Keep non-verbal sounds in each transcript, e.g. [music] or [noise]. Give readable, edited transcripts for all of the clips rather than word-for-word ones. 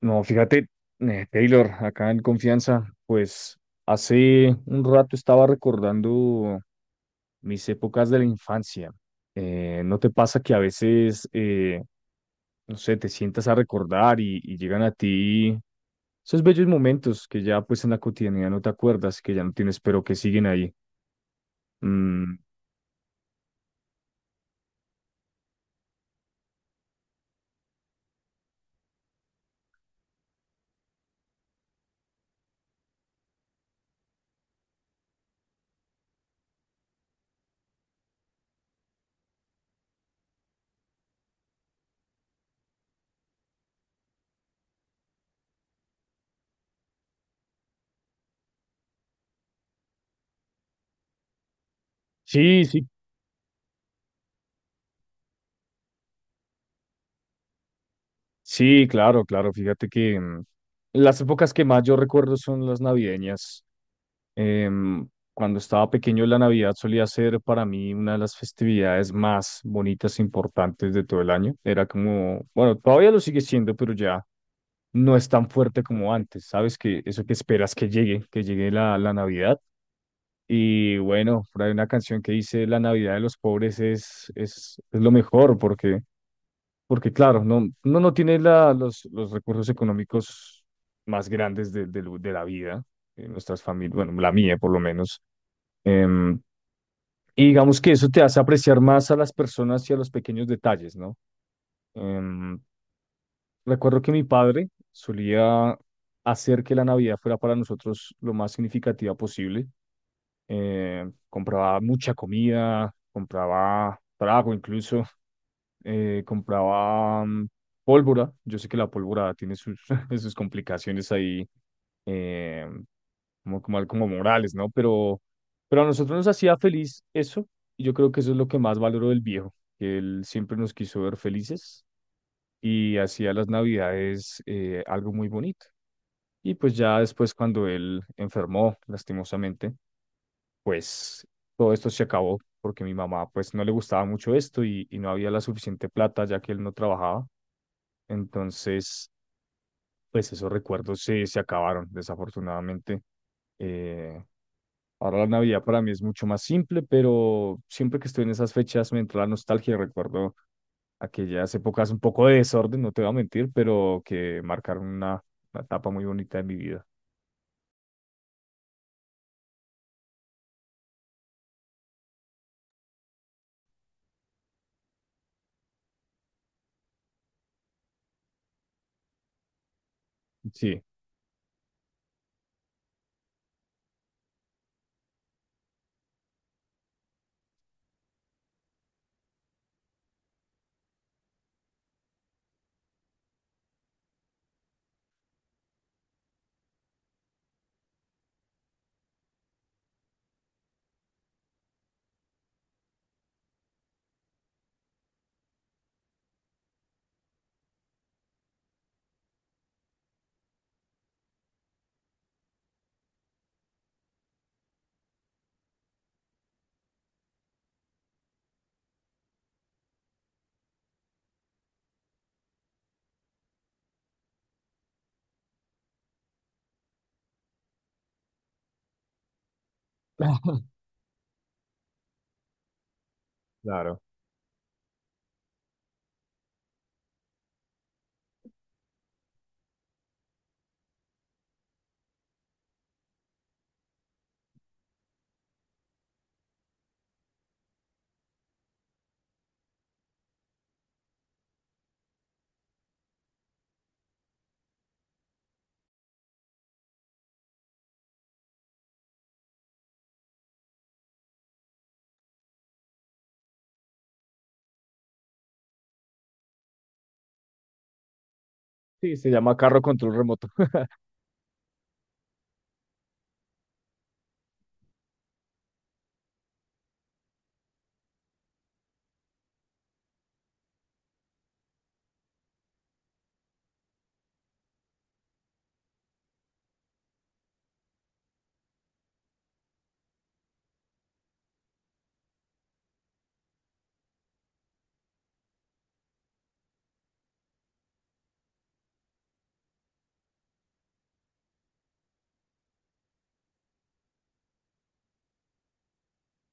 No, fíjate, Taylor, acá en Confianza, pues hace un rato estaba recordando mis épocas de la infancia. ¿No te pasa que a veces, no sé, te sientas a recordar y llegan a ti esos bellos momentos que ya pues en la cotidianidad no te acuerdas, que ya no tienes, pero que siguen ahí? Mm, sí, sí, sí, claro, claro, fíjate que las épocas que más yo recuerdo son las navideñas. Em, Cuando estaba pequeño, la Navidad solía ser para mí una de las festividades más bonitas e importantes de todo el año. Era como, bueno, todavía lo sigue siendo, pero ya no es tan fuerte como antes. Sabes que eso que esperas que llegue la Navidad. Y bueno, por ahí una canción que dice La Navidad de los pobres es lo mejor porque, porque claro, no, uno no tiene la, los recursos económicos más grandes de la vida. Nuestras familias, bueno, la mía por lo menos. Em, y digamos que eso te hace apreciar más a las personas y a los pequeños detalles, ¿no? Em, Recuerdo que mi padre solía hacer que la Navidad fuera para nosotros lo más significativa posible. Compraba mucha comida, compraba trago incluso, compraba pólvora. Yo sé que la pólvora tiene sus, [laughs] sus complicaciones ahí. em, Como, como, como morales, ¿no? Pero a nosotros nos hacía feliz eso, y yo creo que eso es lo que más valoro del viejo, que él siempre nos quiso ver felices y hacía las navidades algo muy bonito. Y pues ya después cuando él enfermó, lastimosamente, pues todo esto se acabó, porque mi mamá pues no le gustaba mucho esto y no había la suficiente plata ya que él no trabajaba. Entonces pues esos recuerdos se acabaron, desafortunadamente. Eh, Ahora la Navidad para mí es mucho más simple, pero siempre que estoy en esas fechas me entra la nostalgia y recuerdo aquellas épocas un poco de desorden, no te voy a mentir, pero que marcaron una etapa muy bonita de mi vida. Sí, [laughs] claro. Sí, se llama carro control remoto. [laughs]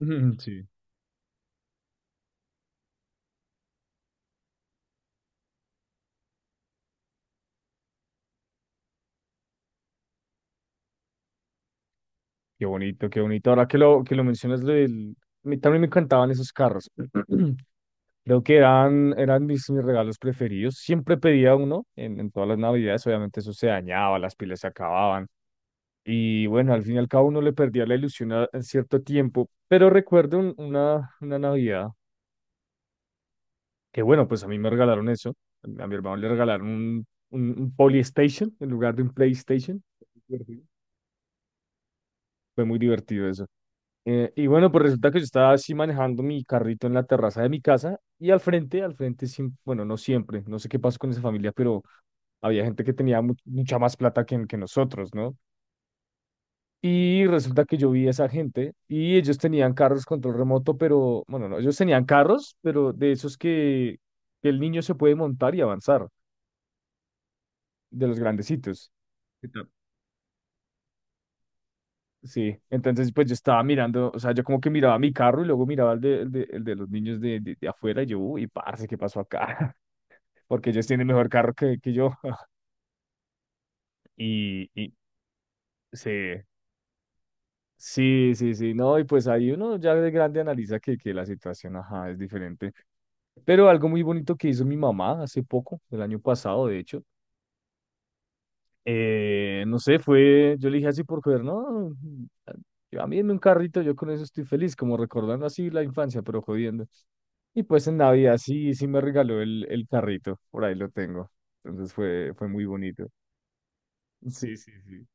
Mm, sí, qué bonito, qué bonito. Ahora que lo mencionas, lo del- a mí también me encantaban esos carros. [clears throat] Creo que eran, eran mis, mis regalos preferidos. Siempre pedía uno en todas las navidades. Obviamente eso se dañaba, las pilas se acababan. Y bueno, al fin y al cabo uno le perdía la ilusión a, en cierto tiempo. Pero recuerdo un- una Navidad que bueno, pues a mí me regalaron eso. A mi hermano le regalaron un Polystation en lugar de un PlayStation. Divertido. Fue muy divertido eso. Y bueno, pues resulta que yo estaba así manejando mi carrito en la terraza de mi casa y al frente, siem- bueno, no siempre, no sé qué pasó con esa familia, pero había gente que tenía mu- mucha más plata que nosotros, ¿no? Y resulta que yo vi a esa gente y ellos tenían carros control remoto, pero, bueno, no, ellos tenían carros, pero de esos que el niño se puede montar y avanzar, de los grandecitos. ¿Qué tal? Sí, entonces pues yo estaba mirando, o sea, yo como que miraba mi carro y luego miraba el de, el de, el de los niños de afuera y yo, uy, parce, ¿qué pasó acá? [laughs] Porque ellos tienen mejor carro que yo. [laughs] Y sí. Sí, sí, sí, no, y pues ahí uno ya de grande analiza que la situación, ajá, es diferente. Pero algo muy bonito que hizo mi mamá hace poco, el año pasado, de hecho, no sé, fue, yo le dije así por joder, no, a mí en un carrito, yo con eso estoy feliz, como recordando así la infancia, pero jodiendo. Y pues en Navidad sí, sí me regaló el carrito, por ahí lo tengo. Entonces fue, fue muy bonito. Sí, sí, sí.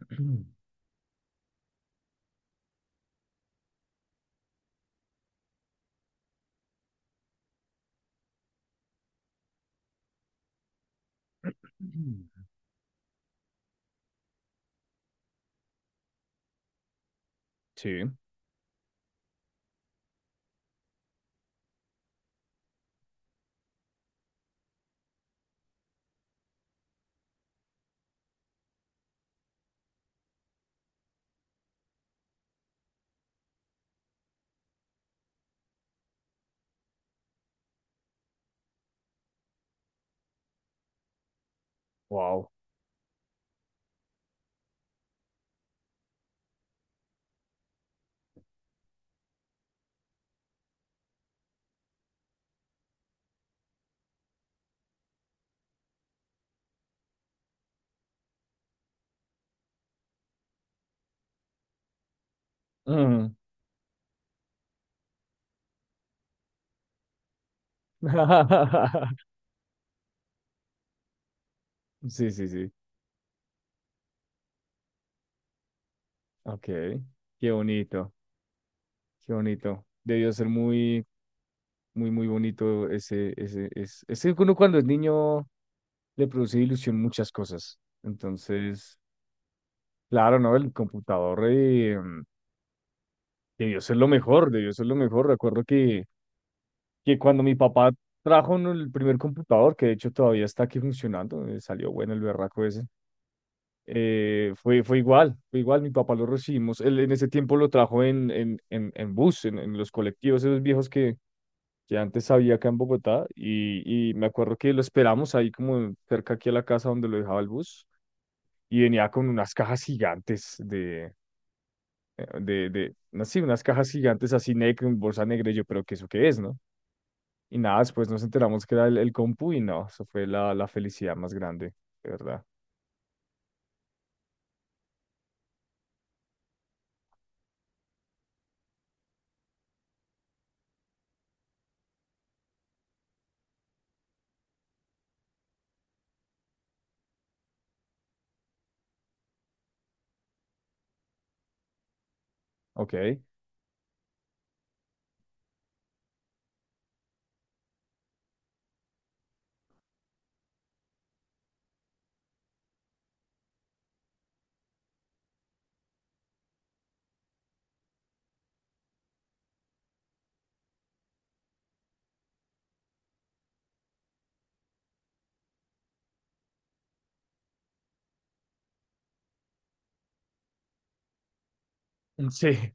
[clears throat] Sí, wow. [laughs] Sí, sí, sí. Ok. Qué bonito, qué bonito. Debió ser muy, muy, muy bonito ese, ese, ese, ese que uno cuando es niño le produce ilusión muchas cosas. Entonces, claro, ¿no? El computador debió ser lo mejor, debió ser lo mejor. Recuerdo que cuando mi papá trajo, ¿no?, el primer computador, que de hecho todavía está aquí funcionando, salió bueno el berraco ese. Fue, fue igual, mi papá lo recibimos, él en ese tiempo lo trajo en bus, en los colectivos, esos viejos que antes había acá en Bogotá, y me acuerdo que lo esperamos ahí como cerca aquí a la casa donde lo dejaba el bus, y venía con unas cajas gigantes de, no sé, unas cajas gigantes así negras, en bolsa negra, y yo, pero ¿qué eso qué es, no? Y nada, después nos enteramos que era el compu y no, eso fue la felicidad más grande, de verdad. Ok. Sí,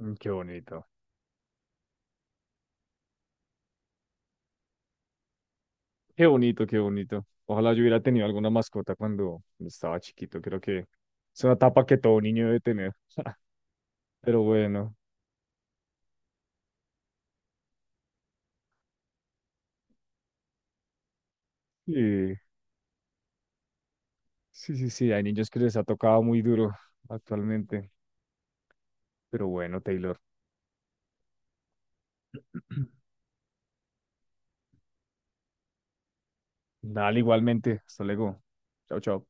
mm, qué bonito. Qué bonito, qué bonito. Ojalá yo hubiera tenido alguna mascota cuando estaba chiquito. Creo que es una etapa que todo niño debe tener. [laughs] Pero bueno, y- sí, sí, sí, hay niños que les ha tocado muy duro actualmente. Pero bueno, Taylor. [clears throat] Dale igualmente. Hasta luego. Chao, chao.